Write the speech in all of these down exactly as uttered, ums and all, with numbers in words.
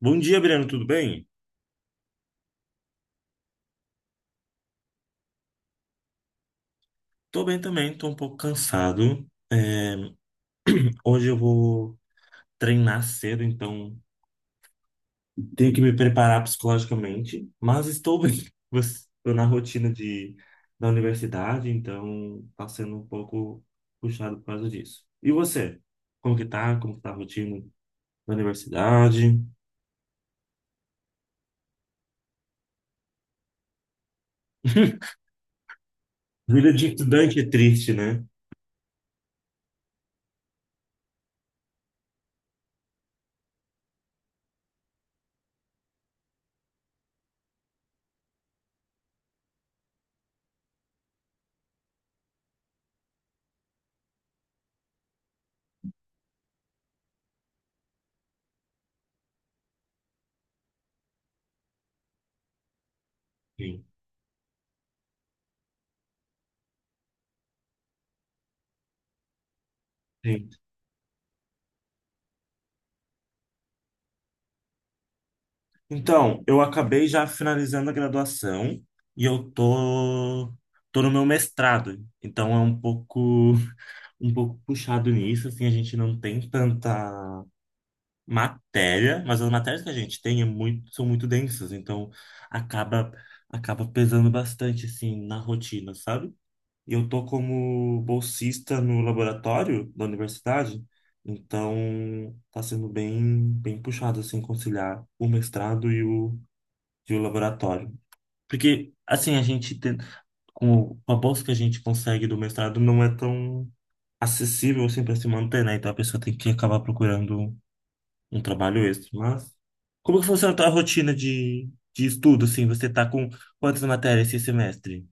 Bom dia, Breno, tudo bem? Tô bem também, tô um pouco cansado. É, hoje eu vou treinar cedo, então tenho que me preparar psicologicamente, mas estou bem. Estou na rotina de, da universidade, então tá sendo um pouco puxado por causa disso. E você? Como que tá? Como que tá a rotina da universidade? Vida de estudante é triste, né? Sim, sim. Então, eu acabei já finalizando a graduação e eu tô, tô no meu mestrado. Então é um pouco um pouco puxado nisso, assim, a gente não tem tanta matéria, mas as matérias que a gente tem é muito, são muito densas, então acaba acaba pesando bastante assim na rotina, sabe? E eu tô como bolsista no laboratório da universidade, então tá sendo bem bem puxado assim conciliar o mestrado e o de laboratório. Porque, assim, a gente tem, com a bolsa que a gente consegue do mestrado não é tão acessível assim para se manter, né? Então a pessoa tem que acabar procurando um trabalho extra. Mas como que funciona a tua rotina de, de estudo, assim? Você tá com quantas matérias esse semestre?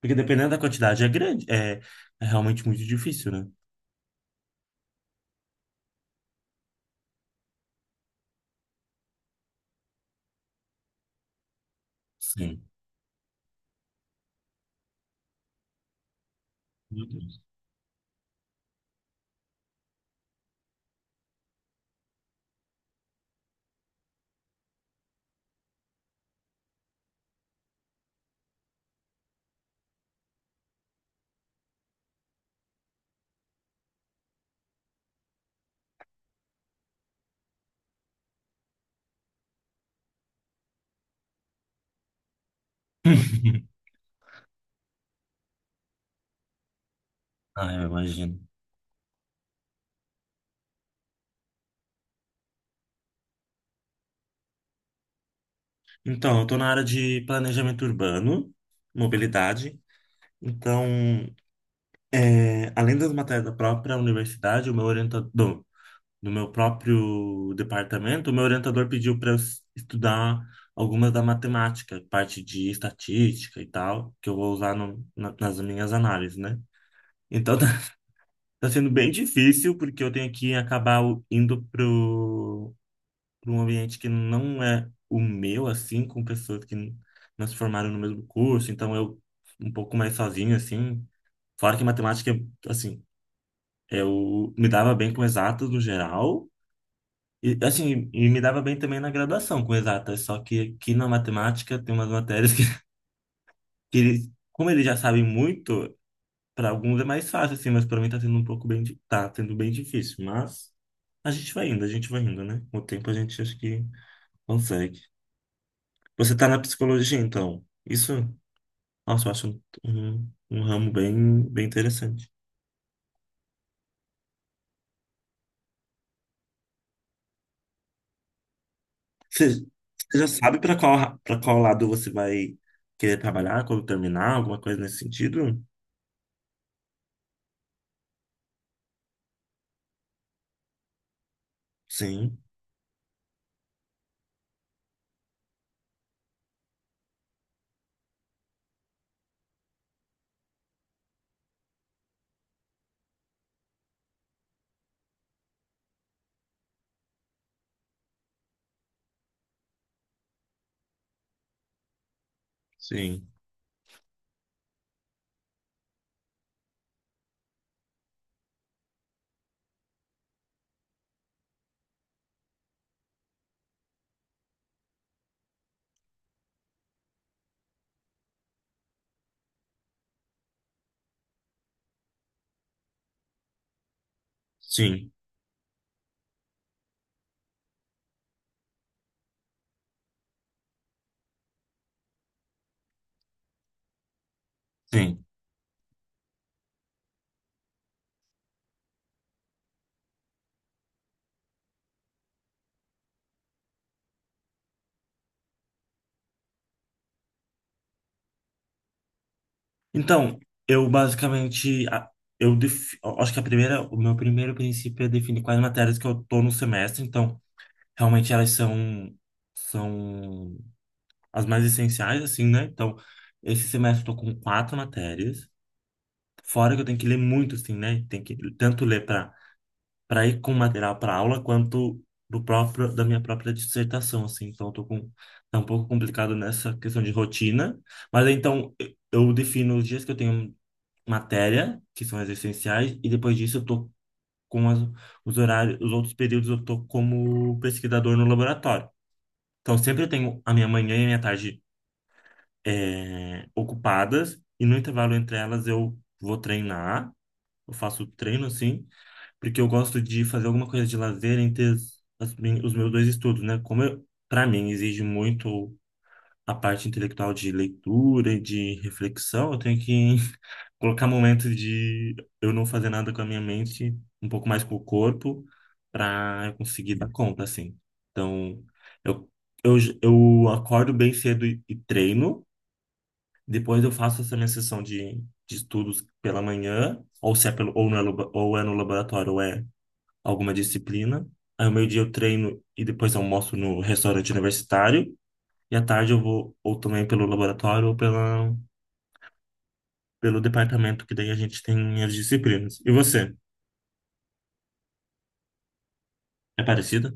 Porque dependendo da quantidade é grande, é, é realmente muito difícil, né? Sim. Meu Deus. Ah, eu imagino. Então, eu tô na área de planejamento urbano, mobilidade. Então, É, além das matérias da própria universidade, o meu orientador, do meu próprio departamento, o meu orientador pediu para eu s- estudar algumas da matemática, parte de estatística e tal, que eu vou usar no- na- nas minhas análises, né? Então tá, tá sendo bem difícil, porque eu tenho que acabar o- indo pro, pro um ambiente que não é o meu, assim, com pessoas que n- não se formaram no mesmo curso, então eu um pouco mais sozinho, assim. Fora que matemática, assim eu me dava bem com exatas no geral, e assim, e me dava bem também na graduação com exatas, só que aqui na matemática tem umas matérias que, que eles, como eles já sabem muito, para alguns é mais fácil, assim, mas para mim tá sendo um pouco bem, di- tá sendo bem difícil, mas a gente vai indo, a gente vai indo, né? Com o tempo a gente acho que consegue. Você tá na psicologia, então. Isso, nossa, eu acho um, um, um ramo bem, bem interessante. Você, você já sabe para qual, para qual lado você vai querer trabalhar quando terminar, alguma coisa nesse sentido? Sim, sim, sim, sim. Então, eu basicamente, a- eu defi- eu acho que a primeira, o meu primeiro princípio é definir quais matérias que eu tô no semestre. Então, realmente elas são, são as mais essenciais, assim, né? Então, esse semestre eu tô com quatro matérias. Fora que eu tenho que ler muito, assim, né? Tem que tanto ler para para ir com material para aula quanto do próprio da minha própria dissertação, assim. Então, eu tô com tá um pouco complicado nessa questão de rotina, mas então eu eu defino os dias que eu tenho matéria, que são as essenciais, e depois disso eu tô com as, os horários, os outros períodos eu tô como pesquisador no laboratório. Então, sempre eu tenho a minha manhã e a minha tarde eh, ocupadas, e no intervalo entre elas eu vou treinar, eu faço treino, assim, porque eu gosto de fazer alguma coisa de lazer entre as- as min- os meus dois estudos, né? Como eu, para mim exige muito a parte intelectual de leitura e de reflexão, eu tenho que colocar momentos de eu não fazer nada com a minha mente, um pouco mais com o corpo, para eu conseguir dar conta, assim. Então, eu, eu, j- eu acordo bem cedo e, e treino, depois eu faço essa minha sessão de, de estudos pela manhã, ou se é pelo, ou, no, labo- ou é no laboratório, ou é alguma disciplina. Aí, ao meio-dia, eu treino e depois almoço no restaurante universitário. E à tarde, eu vou ou também pelo laboratório ou pela, pelo departamento, que daí a gente tem as disciplinas. E você? É parecido?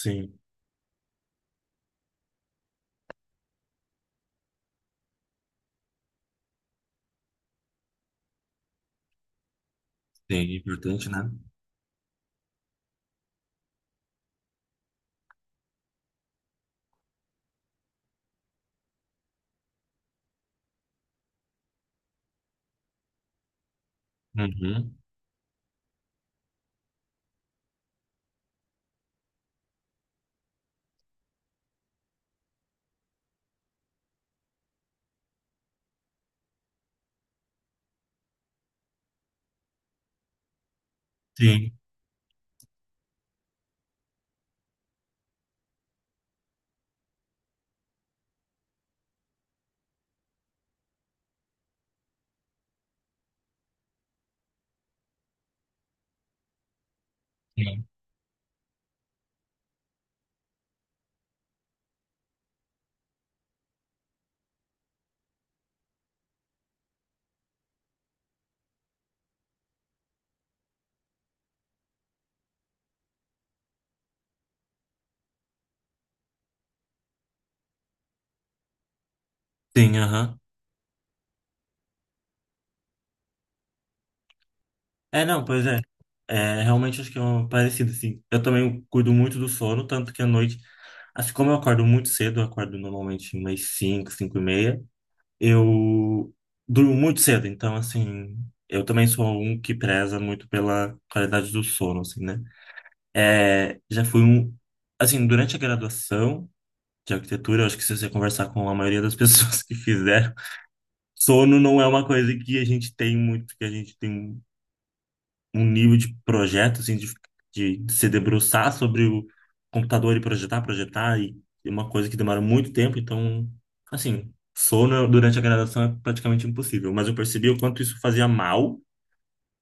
Sim. Sim, importante, né? Uhum. Sim, sim. Sim, aham. É, não, pois é. É, realmente acho que é um parecido, assim. Eu também cuido muito do sono, tanto que à noite, assim como eu acordo muito cedo, eu acordo normalmente umas cinco, cinco e meia, eu durmo muito cedo, então, assim, eu também sou um que preza muito pela qualidade do sono, assim, né? É, já fui um. Assim, durante a graduação de arquitetura, eu acho que se você conversar com a maioria das pessoas que fizeram, sono não é uma coisa que a gente tem muito, que a gente tem um nível de projeto, assim, de, de, de se debruçar sobre o computador e projetar, projetar, e é uma coisa que demora muito tempo, então, assim, sono durante a graduação é praticamente impossível. Mas eu percebi o quanto isso fazia mal,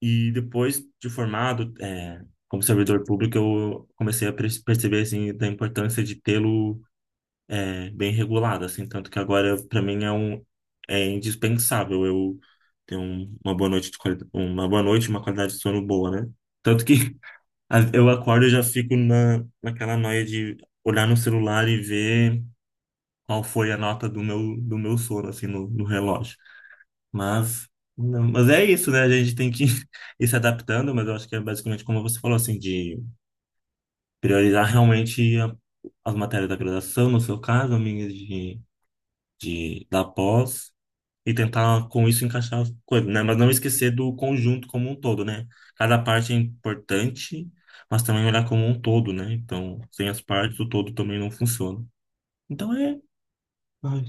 e depois de formado, é, como servidor público, eu comecei a perce- perceber, assim, da importância de tê-lo é, bem regulada, assim, tanto que agora para mim é um é indispensável eu ter um- uma boa noite de qualidade, uma boa noite, e uma qualidade de sono boa, né? Tanto que a- eu acordo e já fico na naquela noia de olhar no celular e ver qual foi a nota do meu do meu sono assim no, no relógio. Mas não, mas é isso, né? A gente tem que ir se adaptando, mas eu acho que é basicamente como você falou, assim, de priorizar realmente a- as matérias da graduação, no seu caso, amigas, de de, da pós e tentar com isso encaixar as coisas, né? Mas não esquecer do conjunto como um todo, né? Cada parte é importante, mas também olhar como um todo, né? Então, sem as partes, o todo também não funciona. Então é, ai,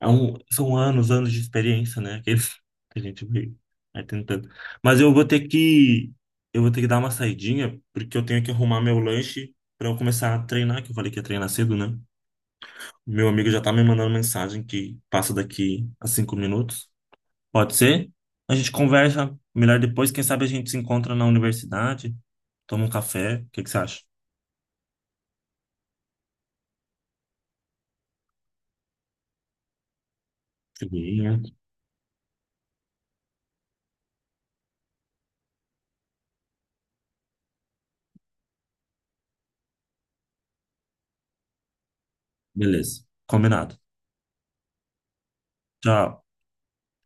é um- são anos, anos de experiência, né? Que que a gente vai, vai tentando. Mas eu vou ter que eu vou ter que dar uma saidinha, porque eu tenho que arrumar meu lanche para eu começar a treinar, que eu falei que ia treinar cedo, né? Meu amigo já tá me mandando mensagem que passa daqui a cinco minutos. Pode ser? A gente conversa melhor depois. Quem sabe a gente se encontra na universidade, toma um café. O que que você acha? Tudo né? Beleza. Combinado. Tchau.